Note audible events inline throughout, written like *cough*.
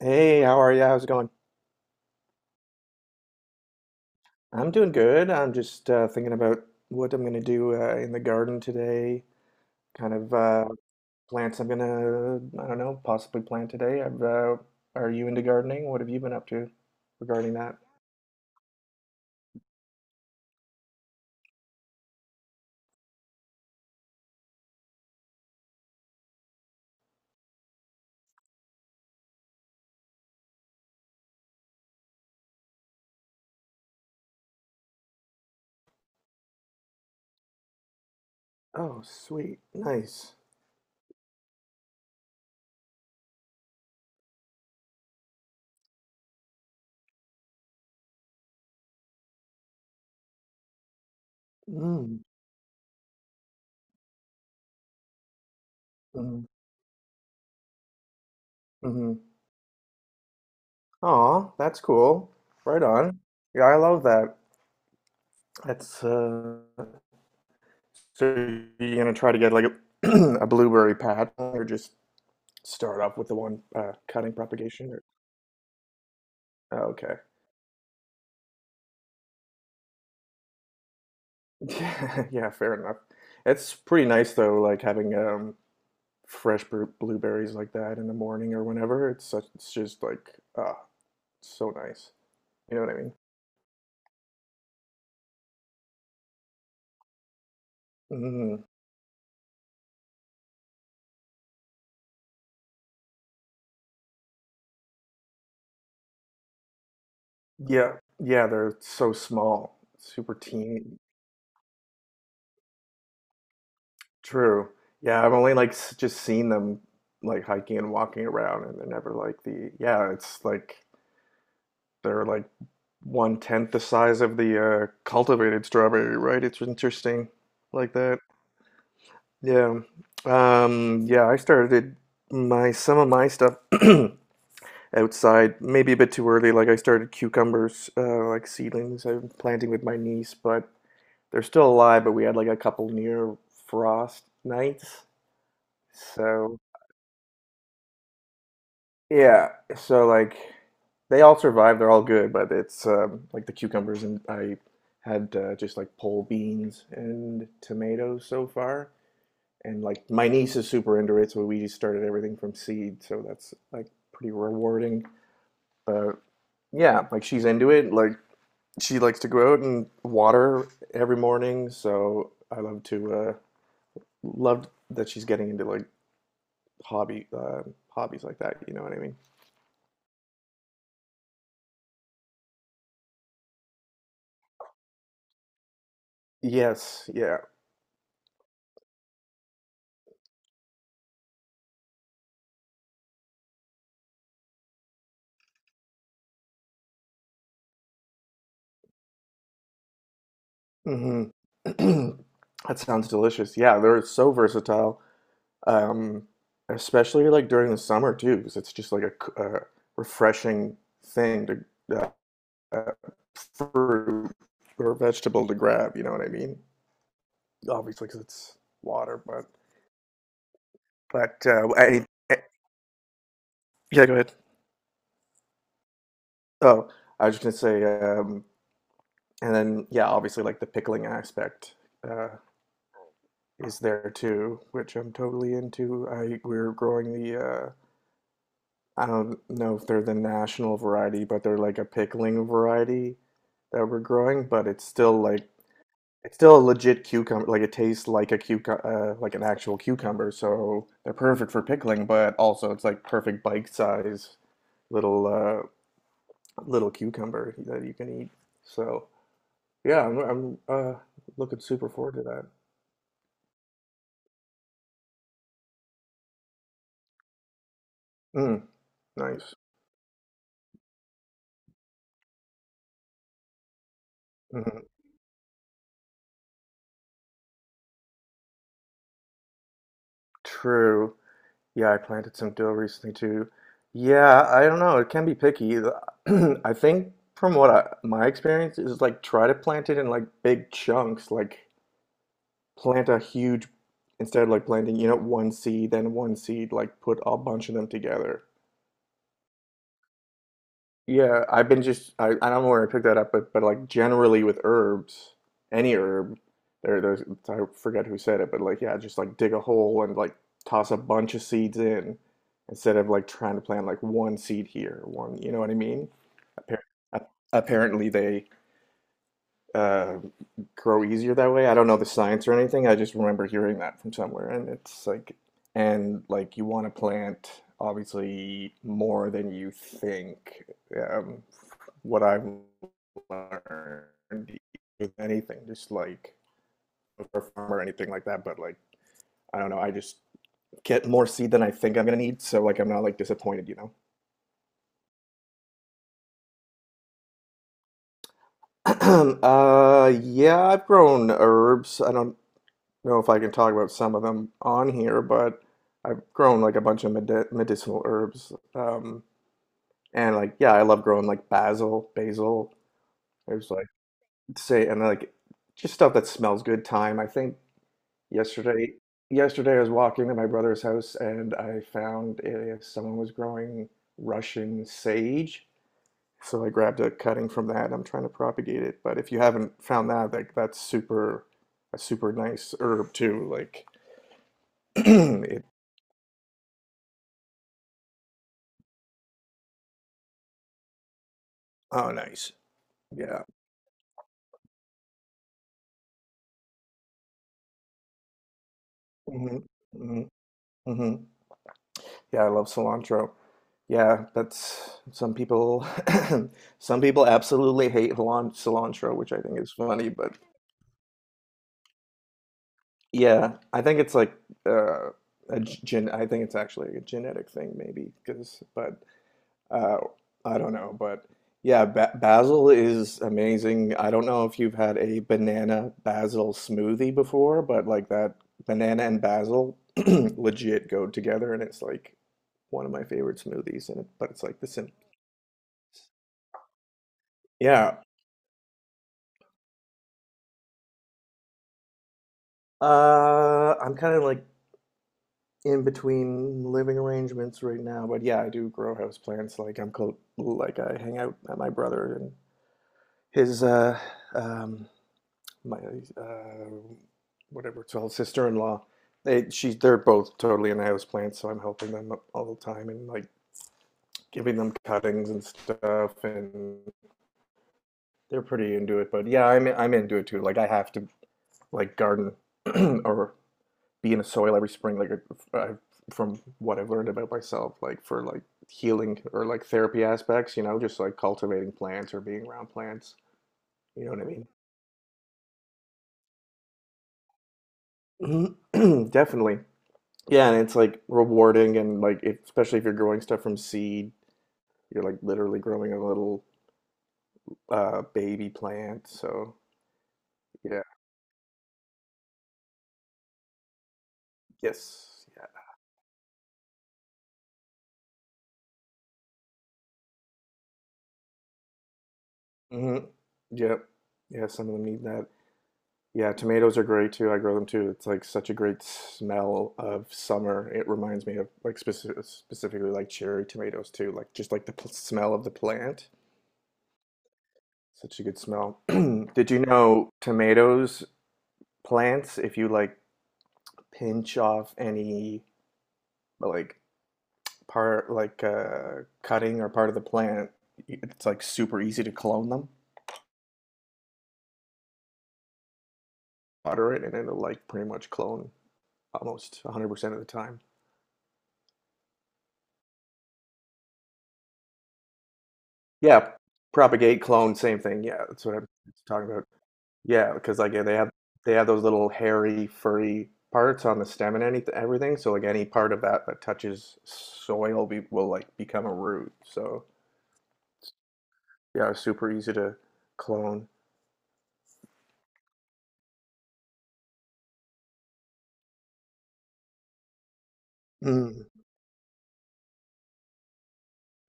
Hey, how are you? How's it going? I'm doing good. I'm just thinking about what I'm gonna do in the garden today. Kind of plants I'm gonna, I don't know, possibly plant today. Are you into gardening? What have you been up to regarding that? Oh, sweet, nice. Mm, mm, mm-hmm. Aw, that's cool. Right on. Yeah, I love that. That's so you're gonna try to get like a, *clears throat* a blueberry patch or just start off with the one cutting propagation or oh, okay *laughs* yeah, fair enough. It's pretty nice though, like having fresh blueberries like that in the morning or whenever. It's such, it's just like ah, so nice, you know what I mean? Mm. Yeah, yeah, they're so small, super teeny. True. Yeah, I've only like just seen them like hiking and walking around, and they're never like the, yeah, it's like they're like one tenth the size of the cultivated strawberry, right? It's interesting like that. Yeah. Yeah, I started my, some of my stuff *clears throat* outside, maybe a bit too early. Like I started cucumbers, like seedlings I'm planting with my niece, but they're still alive, but we had like a couple near frost nights. So yeah, so like they all survive, they're all good, but it's like the cucumbers and I had just like pole beans and tomatoes so far. And like my niece is super into it, so we just started everything from seed, so that's like pretty rewarding. But yeah, like she's into it. Like she likes to go out and water every morning, so I love to love that she's getting into like hobby hobbies like that, you know what I mean? Yes, yeah. Hmm. *clears throat* That sounds delicious. Yeah, they're so versatile, um, especially like during the summer too, because it's just like a, refreshing thing to uh, uh, fruit or vegetable to grab. You know what I mean? Obviously, because it's water, but any, eh, yeah, go ahead. Oh, I was just gonna say, and then yeah, obviously like the pickling aspect uh, is there too, which I'm totally into. I, we're growing the. I don't know if they're the national variety, but they're like a pickling variety that we're growing, but it's still like it's still a legit cucumber. Like it tastes like a cucumber, like an actual cucumber, so they're perfect for pickling, but also it's like perfect bite size little little cucumber that you can eat. So, yeah, I'm looking super forward to that. Mm, nice. Mhm. True. Yeah, I planted some dill recently too. Yeah, I don't know. It can be picky. *clears throat* I think from what I, my experience is like try to plant it in like big chunks, like plant a huge instead of like planting, you know, one seed, then one seed, like put a bunch of them together. Yeah, I've been just I don't know where I picked that up, but like generally with herbs, any herb, there's I forget who said it, but like yeah, just like dig a hole and like toss a bunch of seeds in instead of like trying to plant like one seed here, one, you know what I mean? Appar- Apparently they uh grow easier that way. I don't know the science or anything. I just remember hearing that from somewhere, and it's like, and like you want to plant obviously more than you think. Um, what I've learned with anything, just like a farm or anything like that. But like, I don't know. I just get more seed than I think I'm gonna need, so like I'm not like disappointed, you know. *clears throat* Yeah, I've grown herbs. I don't. Know if I can talk about some of them on here, but I've grown like a bunch of medicinal herbs. And like, yeah, I love growing like basil. There's like say and like just stuff that smells good. Thyme. I think yesterday, yesterday I was walking to my brother's house and I found someone was growing Russian sage. So I grabbed a cutting from that. I'm trying to propagate it. But if you haven't found that, like a super nice herb too. Like. *clears throat* Oh, nice. Yeah. Hmm. Hmm. Hmm. Yeah, I love cilantro. Yeah, that's some people *coughs* *clears throat* some people absolutely hate cilantro, which I think is funny, but yeah, I think it's like uh a g- gen I think it's actually a genetic thing maybe because but uh, I don't know, but yeah, ba basil is amazing. I don't know if you've had a banana basil smoothie before, but like that banana and basil *clears throat* legit go together, and it's like one of my favorite smoothies. And it, but it's like the sim. Yeah, I'm kind of like in between living arrangements right now, but yeah, I do grow house plants. Like I'm close, like I hang out at my brother and his um, my uh, whatever it's called, sister-in-law. They, she, they're both totally into plants, so I'm helping them all the time and like giving them cuttings and stuff, and they're pretty into it. But yeah, I'm into it too. Like I have to like garden *clears throat* or be in the soil every spring. Like I, from what I've learned about myself, like for like healing or like therapy aspects, you know, just like cultivating plants or being around plants. You know what I mean? *clears throat* Definitely. Yeah, and it's like rewarding and like if, especially if you're growing stuff from seed, you're like literally growing a little baby plant. So yeah. Yes. Yeah. Mm-hmm. Yep. Yeah, some of them need that. Yeah, tomatoes are great too. I grow them too. It's like such a great smell of summer. It reminds me of like specifically like cherry tomatoes too, like just like the smell of the plant. Such a good smell. *clears throat* Did you know tomatoes plants, if you like pinch off any like part like cutting or part of the plant, it's like super easy to clone them. Water it, and it'll like pretty much clone almost 100% of the time. Yeah, propagate, clone, same thing. Yeah, that's what I'm talking about. Yeah, because like yeah, they have those little hairy, furry parts on the stem and anything, everything. So like any part of that that touches soil will like become a root. So yeah, it's super easy to clone. Mm,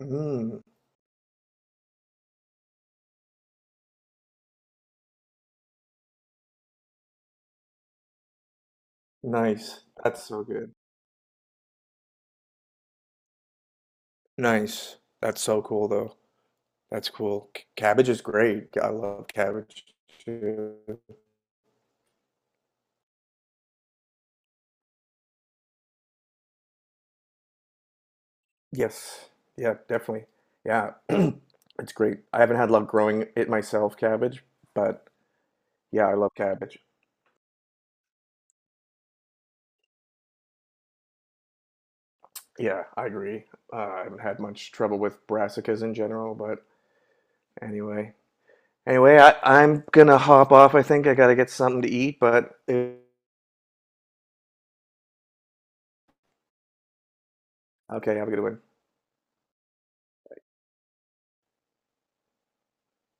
mm, nice. That's so good. Nice. That's so cool, though. That's cool. Cabbage is great. I love cabbage too. Yes. Yeah, definitely. Yeah. *clears throat* It's great. I haven't had luck growing it myself, cabbage, but yeah, I love cabbage. Yeah, I agree. I haven't had much trouble with brassicas in general, but anyway. Anyway, I'm gonna hop off. I think I gotta get something to eat, but eh, okay, have a good one.